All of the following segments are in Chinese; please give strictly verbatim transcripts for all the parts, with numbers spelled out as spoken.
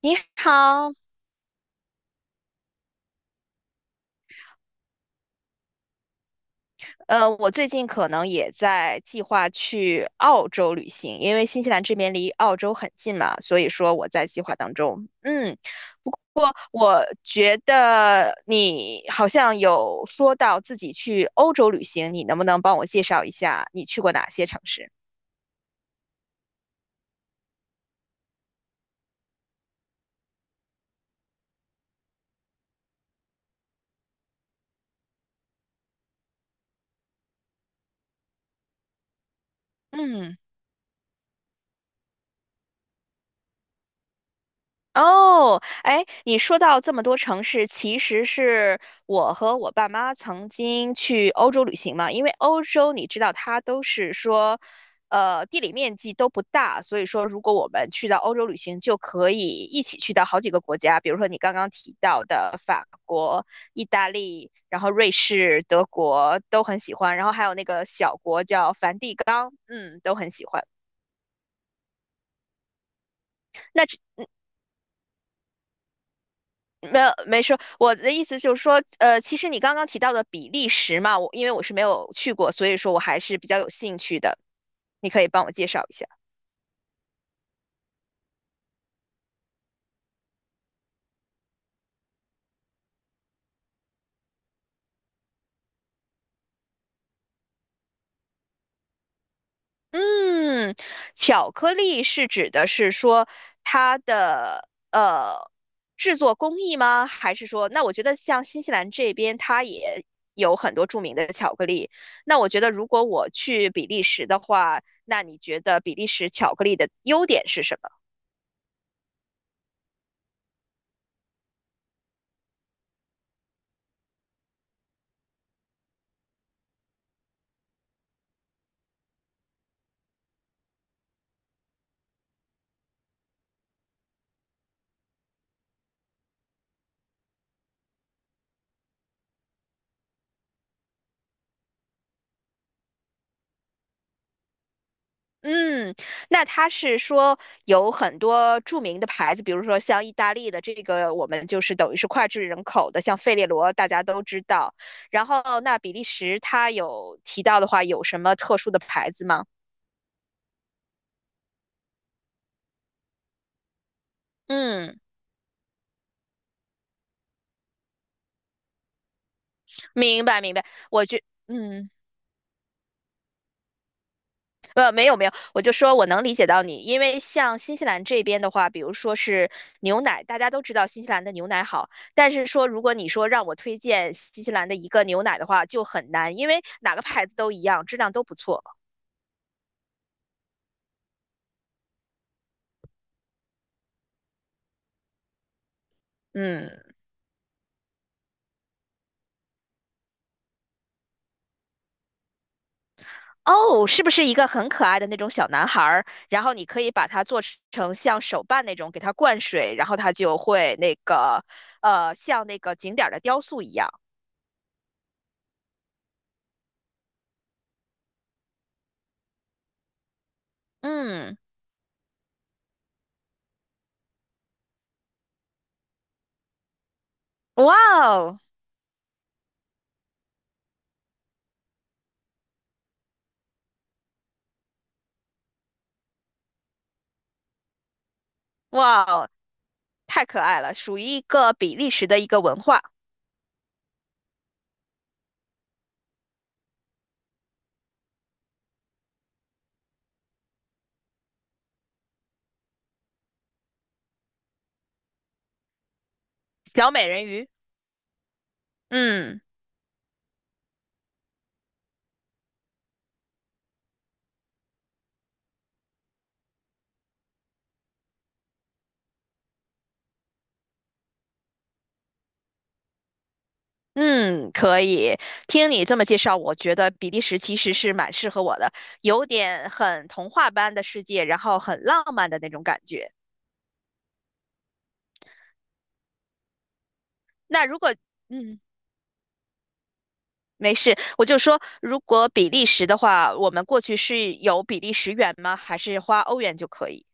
你好，呃，我最近可能也在计划去澳洲旅行，因为新西兰这边离澳洲很近嘛，所以说我在计划当中。嗯，不过我觉得你好像有说到自己去欧洲旅行，你能不能帮我介绍一下你去过哪些城市？嗯。哦，哎，你说到这么多城市，其实是我和我爸妈曾经去欧洲旅行嘛。因为欧洲你知道，它都是说，呃，地理面积都不大，所以说如果我们去到欧洲旅行，就可以一起去到好几个国家，比如说你刚刚提到的法国、意大利，然后瑞士、德国都很喜欢，然后还有那个小国叫梵蒂冈，嗯，都很喜欢。那没有，没说。我的意思就是说，呃，其实你刚刚提到的比利时嘛，我因为我是没有去过，所以说我还是比较有兴趣的。你可以帮我介绍一下。嗯，巧克力是指的是说它的呃制作工艺吗？还是说，那我觉得像新西兰这边，它也有很多著名的巧克力。那我觉得如果我去比利时的话，那你觉得比利时巧克力的优点是什么？嗯，那它是说有很多著名的牌子，比如说像意大利的这个，我们就是等于是脍炙人口的，像费列罗大家都知道。然后那比利时它有提到的话，有什么特殊的牌子吗？嗯，明白明白，我觉嗯。呃，没有没有，我就说我能理解到你，因为像新西兰这边的话，比如说是牛奶，大家都知道新西兰的牛奶好，但是说如果你说让我推荐新西兰的一个牛奶的话，就很难，因为哪个牌子都一样，质量都不错。嗯，哦，是不是一个很可爱的那种小男孩儿？然后你可以把它做成像手办那种，给它灌水，然后它就会那个，呃，像那个景点儿的雕塑一样。嗯，哇哦。哇哦，太可爱了，属于一个比利时的一个文化，小美人鱼。嗯嗯，可以。听你这么介绍，我觉得比利时其实是蛮适合我的，有点很童话般的世界，然后很浪漫的那种感觉。那如果嗯。没事，我就说，如果比利时的话，我们过去是有比利时元吗？还是花欧元就可以？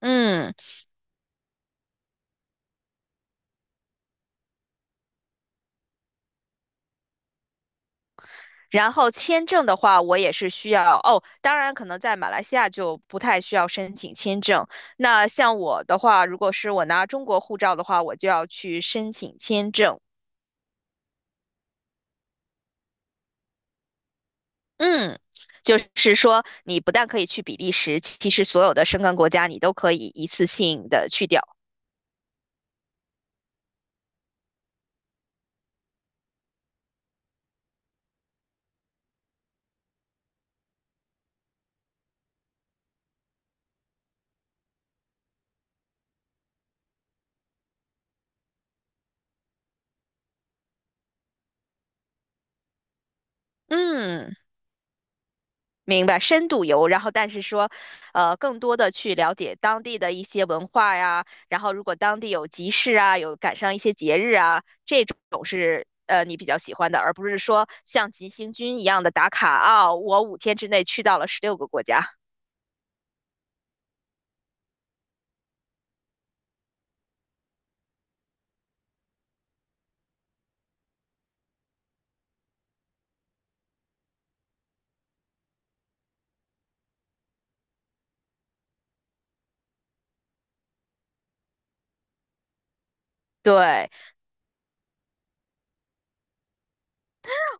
嗯。然后签证的话，我也是需要哦。当然，可能在马来西亚就不太需要申请签证。那像我的话，如果是我拿中国护照的话，我就要去申请签证。嗯，就是说你不但可以去比利时，其实所有的申根国家你都可以一次性的去掉。嗯。明白，深度游，然后但是说，呃，更多的去了解当地的一些文化呀，然后如果当地有集市啊，有赶上一些节日啊，这种是呃你比较喜欢的，而不是说像急行军一样的打卡啊，我五天之内去到了十六个国家。对。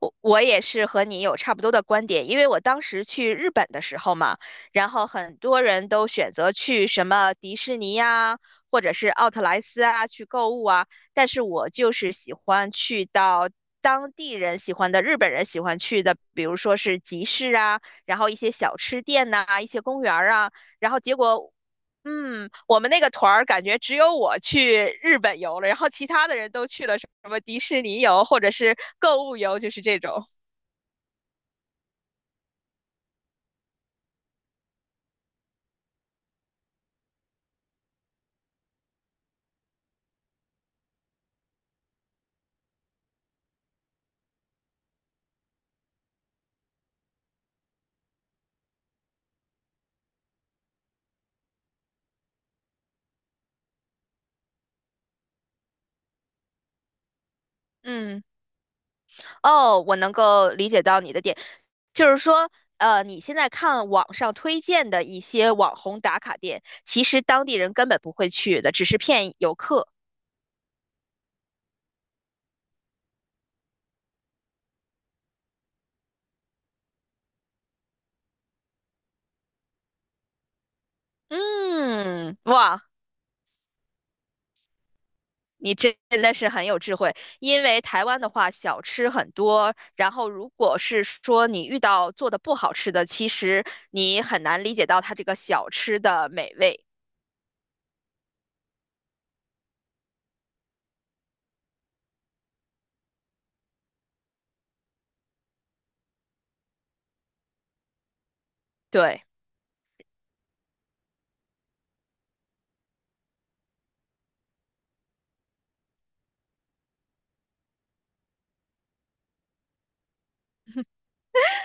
我我也是和你有差不多的观点，因为我当时去日本的时候嘛，然后很多人都选择去什么迪士尼呀、或者是奥特莱斯啊去购物啊，但是我就是喜欢去到当地人喜欢的、日本人喜欢去的，比如说是集市啊，然后一些小吃店呐、一些公园儿啊，然后结果。嗯，我们那个团儿感觉只有我去日本游了，然后其他的人都去了什么迪士尼游或者是购物游，就是这种。嗯，哦，我能够理解到你的点，就是说，呃，你现在看网上推荐的一些网红打卡店，其实当地人根本不会去的，只是骗游客。嗯，哇，你真的是很有智慧，因为台湾的话，小吃很多，然后如果是说你遇到做的不好吃的，其实你很难理解到它这个小吃的美味。对。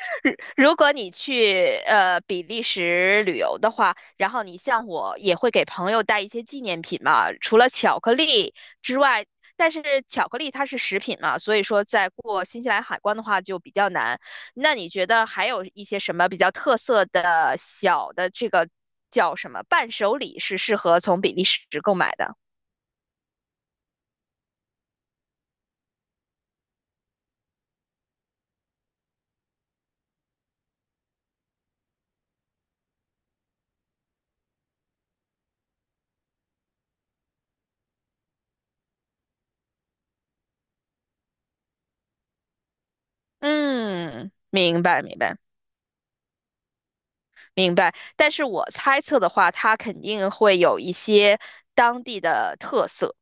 如果你去呃比利时旅游的话，然后你像我也会给朋友带一些纪念品嘛，除了巧克力之外，但是巧克力它是食品嘛，所以说在过新西兰海关的话就比较难。那你觉得还有一些什么比较特色的小的这个叫什么伴手礼是适合从比利时购买的？嗯，明白明白。明白，但是我猜测的话，它肯定会有一些当地的特色，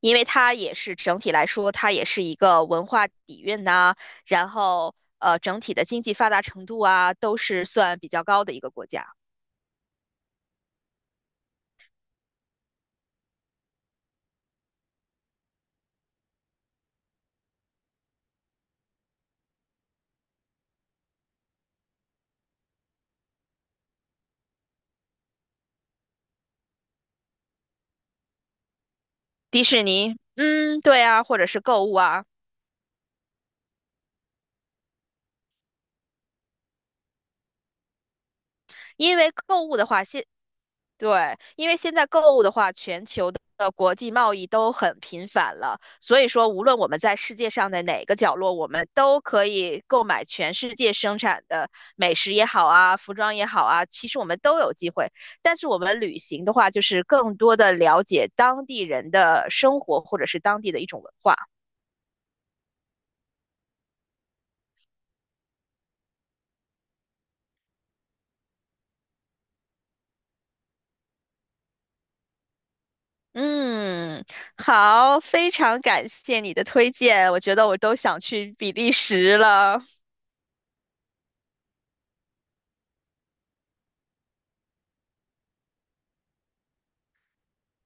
因为它也是整体来说，它也是一个文化底蕴呐、然后呃，整体的经济发达程度啊，都是算比较高的一个国家。迪士尼，嗯，对啊，或者是购物啊。因为购物的话，现对，因为现在购物的话，全球的呃国际贸易都很频繁了，所以说无论我们在世界上的哪个角落，我们都可以购买全世界生产的美食也好啊，服装也好啊，其实我们都有机会。但是我们旅行的话，就是更多的了解当地人的生活或者是当地的一种文化。嗯，好，非常感谢你的推荐，我觉得我都想去比利时了。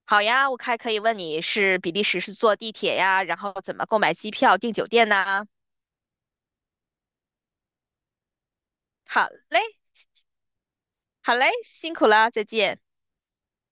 好呀，我还可以问你是比利时是坐地铁呀，然后怎么购买机票、订酒店呢？好嘞，好嘞，辛苦了，再见。